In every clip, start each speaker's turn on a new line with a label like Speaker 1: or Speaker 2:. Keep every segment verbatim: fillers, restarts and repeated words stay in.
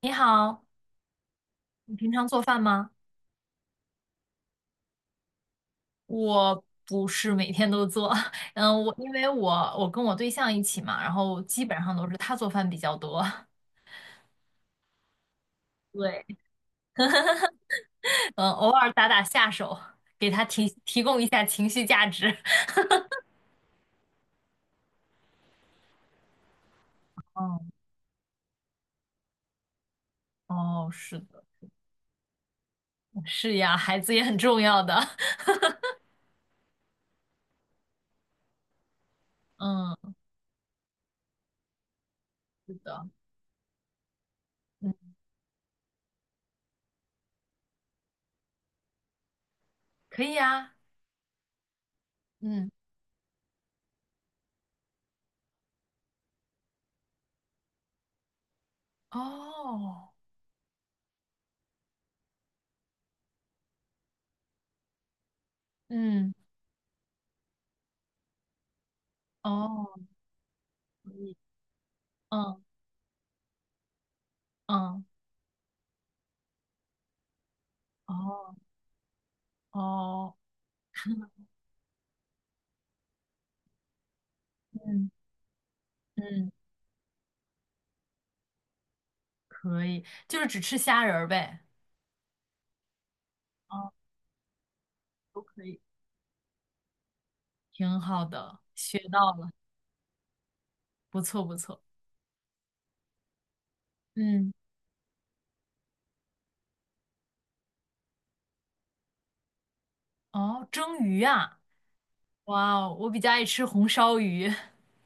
Speaker 1: 你好，你平常做饭吗？我不是每天都做，嗯，我因为我我跟我对象一起嘛，然后基本上都是他做饭比较多，对，嗯，偶尔打打下手，给他提提供一下情绪价值。嗯，哦，是的，是呀，孩子也很重要的，嗯，是的，嗯，可以呀，嗯，哦，嗯，哦，可以，嗯嗯，哦哦，嗯嗯。可以，就是只吃虾仁儿呗。哦，都可以，挺好的，学到了，不错不错。嗯，哦，蒸鱼啊，哇哦，我比较爱吃红烧鱼。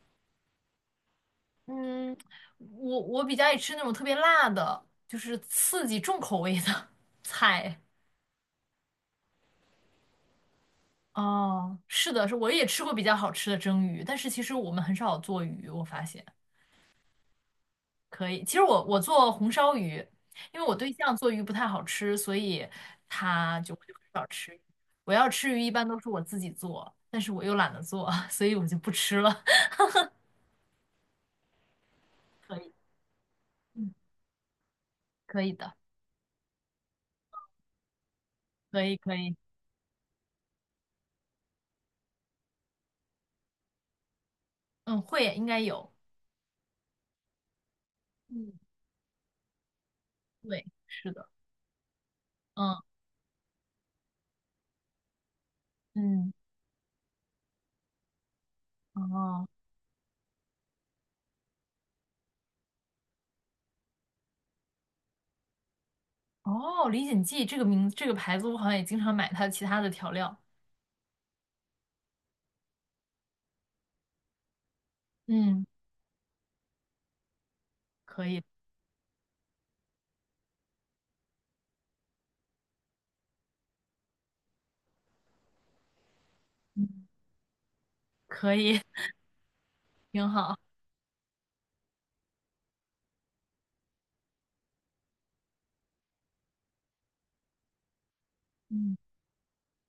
Speaker 1: 嗯，我我比较爱吃那种特别辣的，就是刺激重口味的 菜。哦，是的，是我也吃过比较好吃的蒸鱼，但是其实我们很少做鱼，我发现。可以，其实我我做红烧鱼，因为我对象做鱼不太好吃，所以他就我就很少吃鱼我要吃鱼一般都是我自己做，但是我又懒得做，所以我就不吃了。可以，嗯，可以的，可以可以，嗯，会应该有，嗯，对，是的，嗯嗯，哦哦，李锦记这个名这个牌子，我好像也经常买它其他的调料，嗯，可以，嗯，可以，挺好，嗯，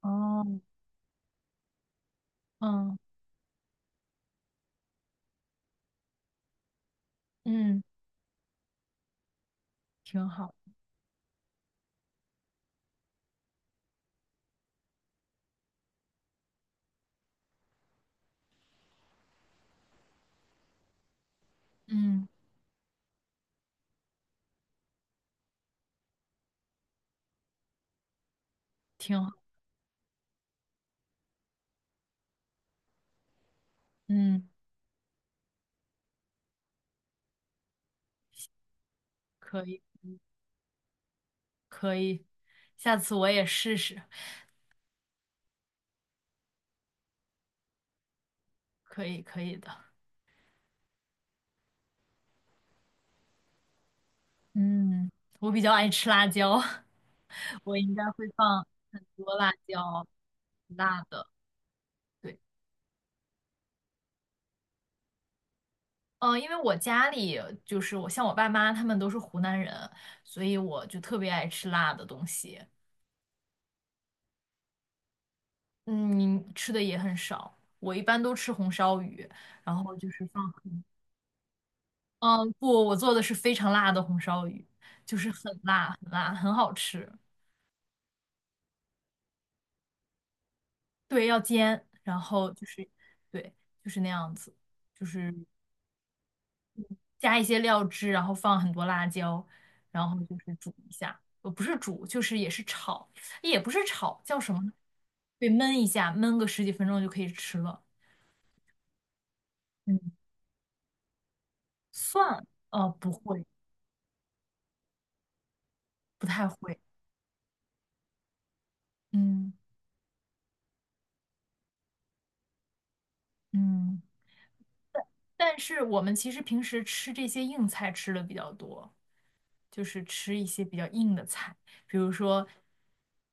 Speaker 1: 哦，嗯嗯，挺好。嗯，挺好，嗯，可以，可以，下次我也试试，可以，可以的。嗯，我比较爱吃辣椒，我应该会放很多辣椒，辣的。对，呃，因为我家里就是我像我爸妈他们都是湖南人，所以我就特别爱吃辣的东西。嗯，吃的也很少，我一般都吃红烧鱼，然后就是放很嗯，不，我做的是非常辣的红烧鱼，就是很辣很辣，很好吃。对，要煎，然后就是，对，就是那样子，就是加一些料汁，然后放很多辣椒，然后就是煮一下，呃，不是煮，就是也是炒，也不是炒，叫什么呢？对，焖一下，焖个十几分钟就可以吃了。嗯，蒜，呃，不会，不太会。嗯嗯。但是我们其实平时吃这些硬菜吃的比较多，就是吃一些比较硬的菜，比如说，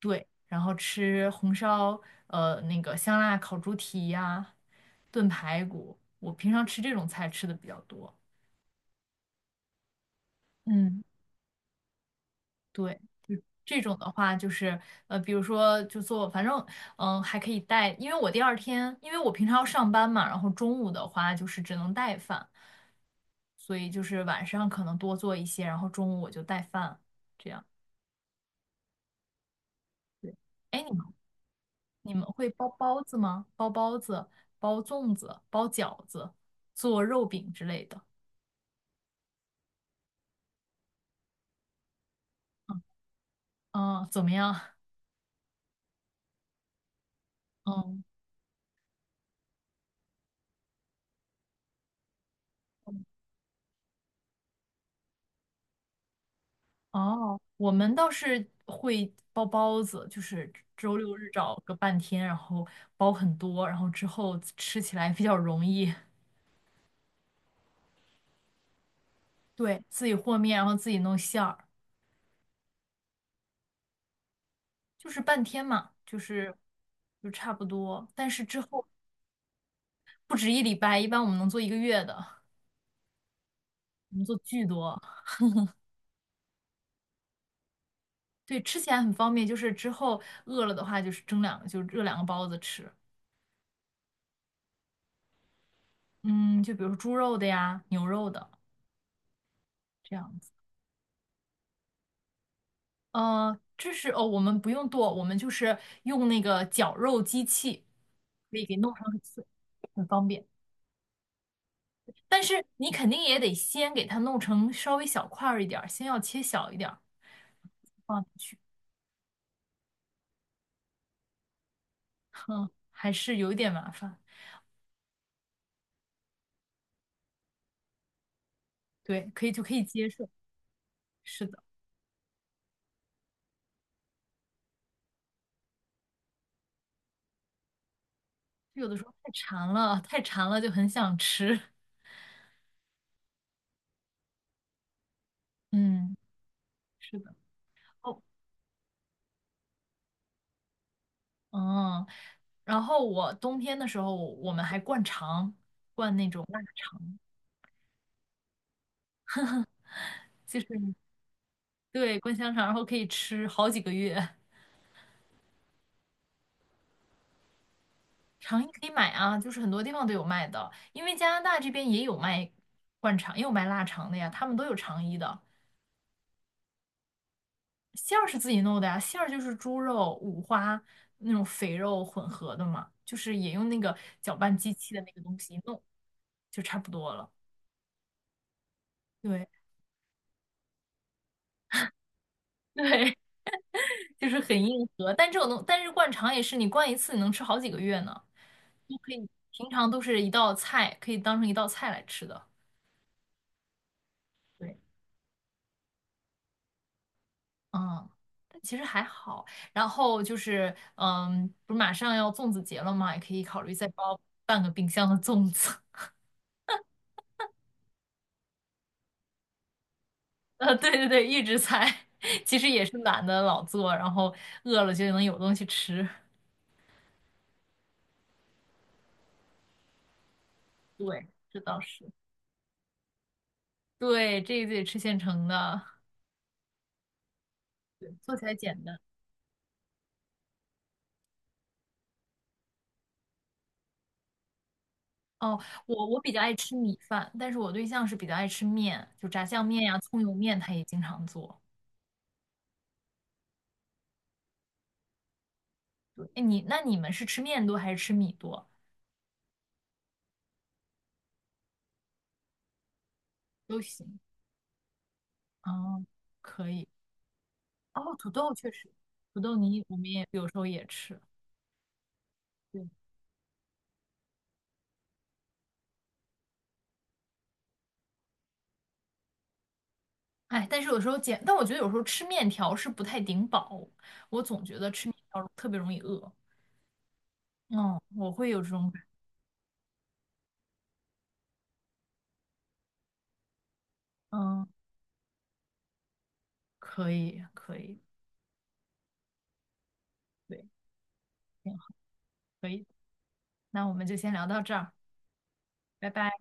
Speaker 1: 对，然后吃红烧，呃，那个香辣烤猪蹄呀、炖排骨，我平常吃这种菜吃的比较多。嗯。对，就这种的话，就是呃，比如说就做，反正嗯、呃还可以带，因为我第二天，因为我平常要上班嘛，然后中午的话就是只能带饭，所以就是晚上可能多做一些，然后中午我就带饭，这样。对，哎，你们你们会包包子吗？包包子、包粽子、包饺子、做肉饼之类的。嗯，嗯怎么样？嗯。哦，我们倒是会包包子，就是周六日找个半天，然后包很多，然后之后吃起来比较容易。对，自己和面，然后自己弄馅儿，就是半天嘛，就是就差不多。但是之后不止一礼拜，一般我们能做一个月的，我们做巨多。对，吃起来很方便，就是之后饿了的话，就是蒸两个，就热两个包子吃。嗯，就比如说猪肉的呀，牛肉的这样子。呃，这是哦，我们不用剁，我们就是用那个绞肉机器，可以给弄上很碎，很方便。但是你肯定也得先给它弄成稍微小块儿一点儿，先要切小一点儿放进去，嗯，还是有一点麻烦。对，可以就可以接受。是的，有的时候太馋了，太馋了就很想吃。嗯，是的。哦，嗯，然后我冬天的时候，我们还灌肠，灌那种腊肠。就是。对，灌香肠，然后可以吃好几个月。肠衣可以买啊，就是很多地方都有卖的，因为加拿大这边也有卖灌肠，也有卖腊肠的呀，他们都有肠衣的。馅儿是自己弄的呀，馅儿就是猪肉、五花那种肥肉混合的嘛，就是也用那个搅拌机器的那个东西一弄就差不多了。对 对，就是很硬核，但这种东，但是灌肠也是你灌一次你能吃好几个月呢，都可以，平常都是一道菜，可以当成一道菜来吃的。对。嗯，但其实还好。然后就是，嗯，不是马上要粽子节了嘛，也可以考虑再包半个冰箱的粽子。呃，对对对，预制菜 其实也是懒得老做，然后饿了就能有东西吃。对，这倒是。对，这个得吃现成的，对，做起来简单。哦，我我比较爱吃米饭，但是我对象是比较爱吃面，就炸酱面呀、葱油面，他也经常做。对，哎，你那你们是吃面多还是吃米多？都行。哦，可以。哦，土豆确实，土豆泥我们也有时候也吃。对，哎，但是有时候减，但我觉得有时候吃面条是不太顶饱，我总觉得吃面条特别容易饿。嗯，我会有这种感。嗯，可以，可以，对，挺好，可以。那我们就先聊到这儿，拜拜。